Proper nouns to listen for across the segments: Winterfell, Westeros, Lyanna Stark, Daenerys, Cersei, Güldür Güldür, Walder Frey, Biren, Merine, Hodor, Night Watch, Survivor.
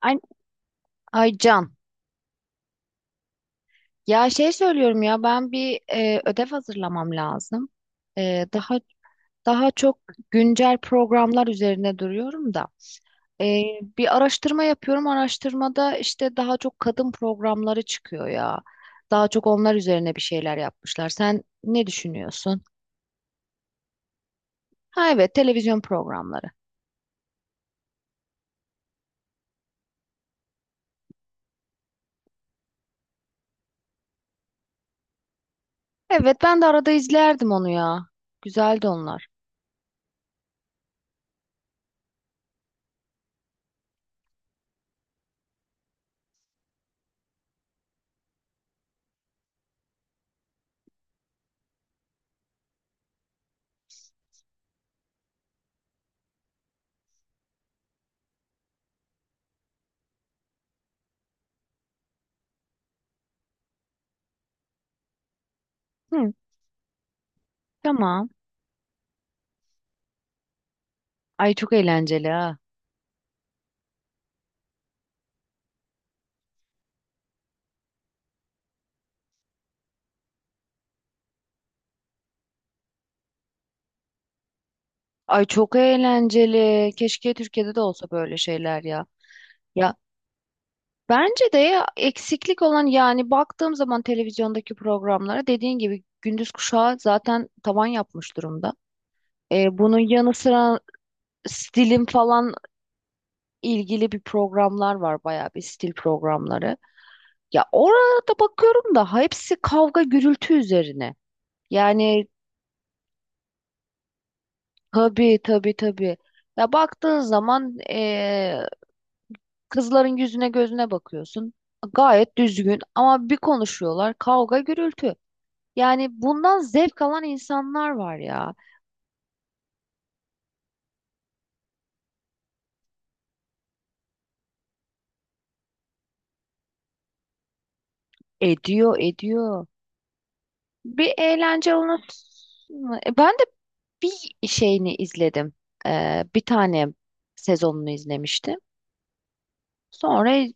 Ay, ay Can. Ya şey söylüyorum ya ben bir ödev hazırlamam lazım. E, daha daha çok güncel programlar üzerine duruyorum da. E, Bir araştırma yapıyorum. Araştırmada işte daha çok kadın programları çıkıyor ya. Daha çok onlar üzerine bir şeyler yapmışlar. Sen ne düşünüyorsun? Ha evet televizyon programları. Evet ben de arada izlerdim onu ya. Güzeldi onlar. Hı, tamam. Ay çok eğlenceli ha. Ay çok eğlenceli. Keşke Türkiye'de de olsa böyle şeyler ya. Ya bence de ya, eksiklik olan yani baktığım zaman televizyondaki programlara dediğin gibi gündüz kuşağı zaten tavan yapmış durumda. Bunun yanı sıra stilin falan ilgili bir programlar var bayağı bir stil programları. Ya orada bakıyorum da hepsi kavga gürültü üzerine. Yani tabii, tabii, tabii. Ya baktığın zaman kızların yüzüne gözüne bakıyorsun. Gayet düzgün ama bir konuşuyorlar kavga gürültü. Yani bundan zevk alan insanlar var ya. Ediyor ediyor. Bir eğlence alanı. Ben de bir şeyini izledim. Bir tane sezonunu izlemiştim. Sonra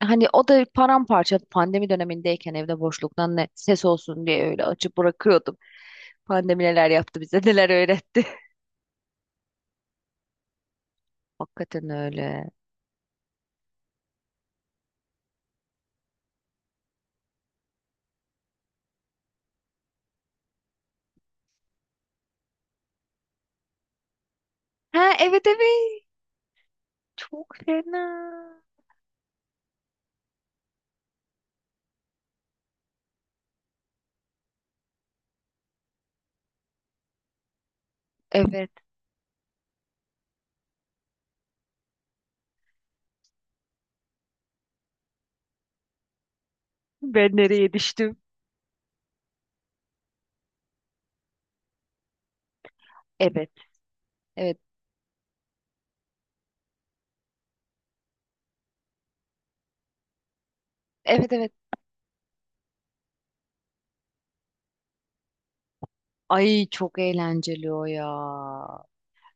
hani o da paramparça pandemi dönemindeyken evde boşluktan ne ses olsun diye öyle açıp bırakıyordum. Pandemi neler yaptı bize neler öğretti. Hakikaten öyle. Ha evet, evet. Çok fena. Evet. Ben nereye düştüm? Evet. Evet. Evet, evet. Ay çok eğlenceli o ya.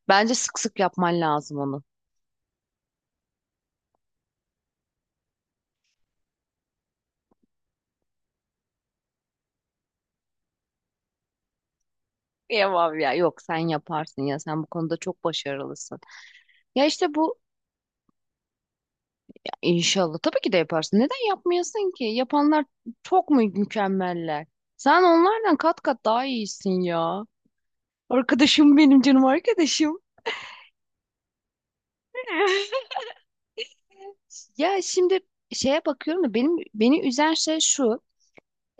Bence sık sık yapman lazım onu. Yapamam ya. Yok sen yaparsın ya. Sen bu konuda çok başarılısın. Ya işte bu ya inşallah tabii ki de yaparsın. Neden yapmıyorsun ki? Yapanlar çok mu mükemmeller? Sen onlardan kat kat daha iyisin ya. Arkadaşım benim, canım arkadaşım. Ya şimdi şeye bakıyorum da benim beni üzen şey şu: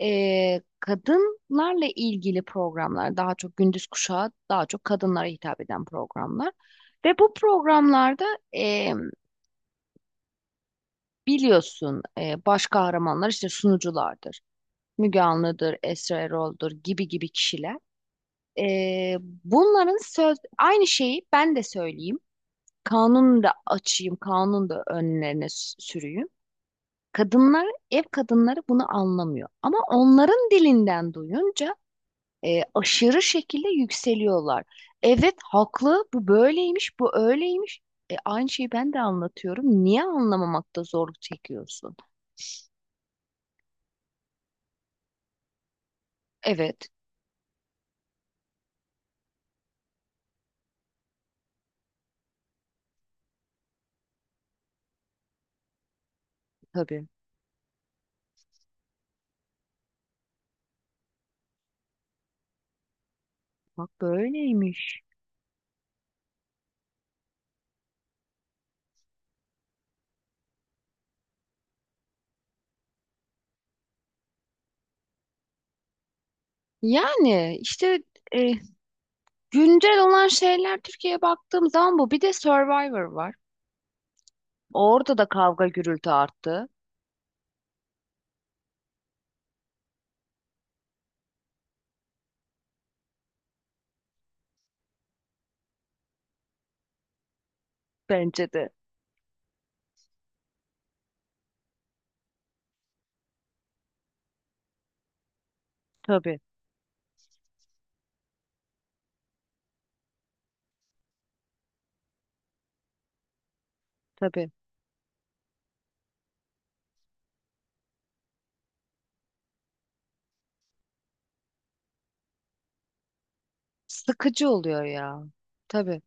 kadınlarla ilgili programlar daha çok gündüz kuşağı, daha çok kadınlara hitap eden programlar. Ve bu programlarda e, biliyorsun baş kahramanlar işte sunuculardır. Müge Anlı'dır, Esra Erol'dur gibi gibi kişiler. E, bunların söz aynı şeyi ben de söyleyeyim. Kanunu da açayım, kanunu da önlerine sürüyüm. Kadınlar, ev kadınları bunu anlamıyor. Ama onların dilinden duyunca aşırı şekilde yükseliyorlar. Evet haklı, bu böyleymiş, bu öyleymiş. Aynı şeyi ben de anlatıyorum. Niye anlamamakta zorluk çekiyorsun? Evet, tabii. Bak böyleymiş. Yani işte e, güncel olan şeyler Türkiye'ye baktığım zaman bu. Bir de Survivor var. Orada da kavga gürültü arttı. Bence de. Tabii, tabii. Sıkıcı oluyor ya. Tabii.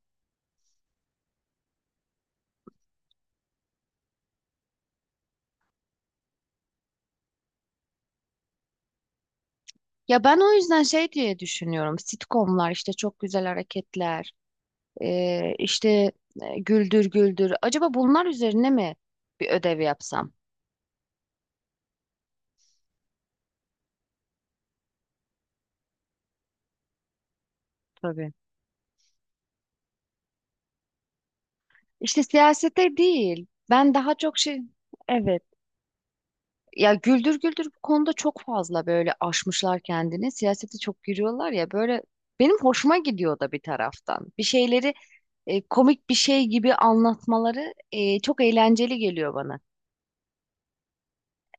Ya ben o yüzden şey diye düşünüyorum. Sitcomlar işte çok güzel hareketler, işte güldür güldür. Acaba bunlar üzerine mi bir ödev yapsam? Tabii. İşte siyasete değil. Ben daha çok şey... Evet. Ya güldür güldür bu konuda çok fazla böyle aşmışlar kendini. Siyasete çok giriyorlar ya böyle, benim hoşuma gidiyor da bir taraftan. Bir şeyleri komik bir şey gibi anlatmaları çok eğlenceli geliyor bana.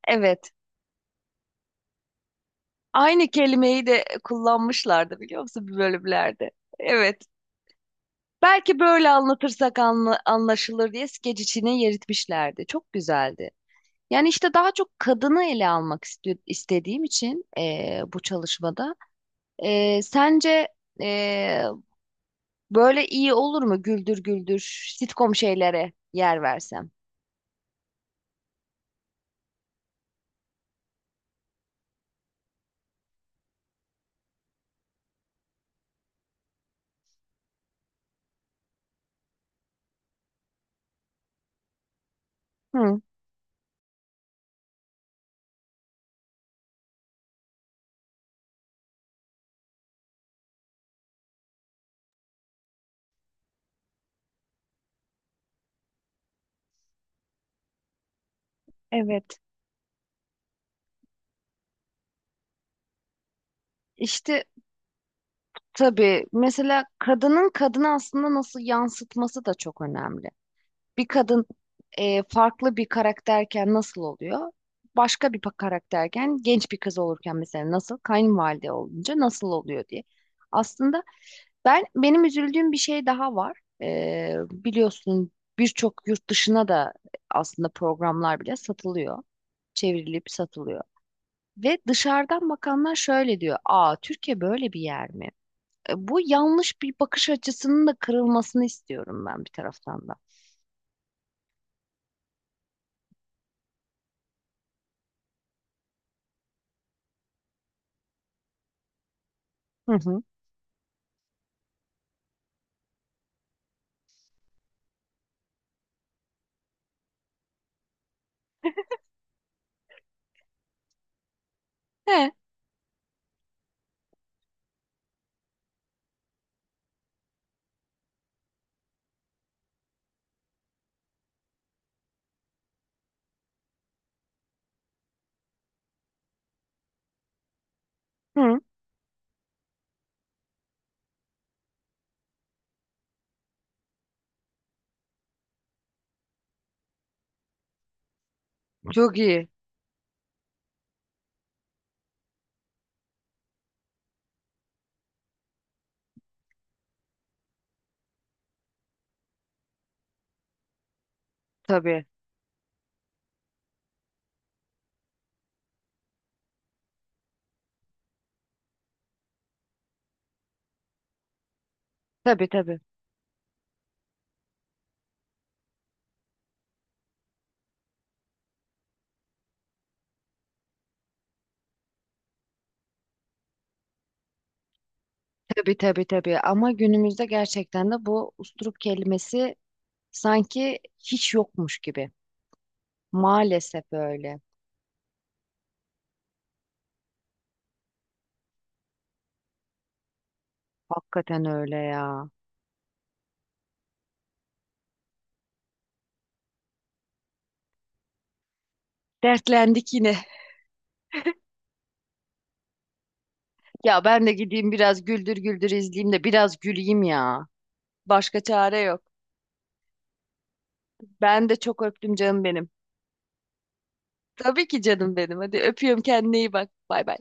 Evet. Aynı kelimeyi de kullanmışlardı biliyor musun bir bölümlerde. Evet. Belki böyle anlatırsak anlaşılır diye skeç içine yeritmişlerdi. Çok güzeldi. Yani işte daha çok kadını ele almak istediğim için bu çalışmada. Sence eee, böyle iyi olur mu güldür güldür sitcom şeylere yer versem? Hı, evet. İşte tabii, mesela kadının kadını aslında nasıl yansıtması da çok önemli. Bir kadın farklı bir karakterken nasıl oluyor? Başka bir karakterken, genç bir kız olurken mesela nasıl? Kayınvalide olunca nasıl oluyor diye. Aslında ben benim üzüldüğüm bir şey daha var. Biliyorsun, birçok yurt dışına da aslında programlar bile satılıyor. Çevrilip satılıyor. Ve dışarıdan bakanlar şöyle diyor: aa, Türkiye böyle bir yer mi? Bu yanlış bir bakış açısının da kırılmasını istiyorum ben bir taraftan da. Hı hı. He. Hı. Çok iyi. Tabii. Tabii, tabii. Tabii, tabii, tabii. Ama günümüzde gerçekten de bu usturuk kelimesi sanki hiç yokmuş gibi. Maalesef öyle. Hakikaten öyle ya. Dertlendik yine. Ya ben de gideyim biraz güldür güldür izleyeyim de biraz güleyim ya. Başka çare yok. Ben de çok öptüm canım benim. Tabii ki canım benim. Hadi öpüyorum, kendine iyi bak. Bay bay.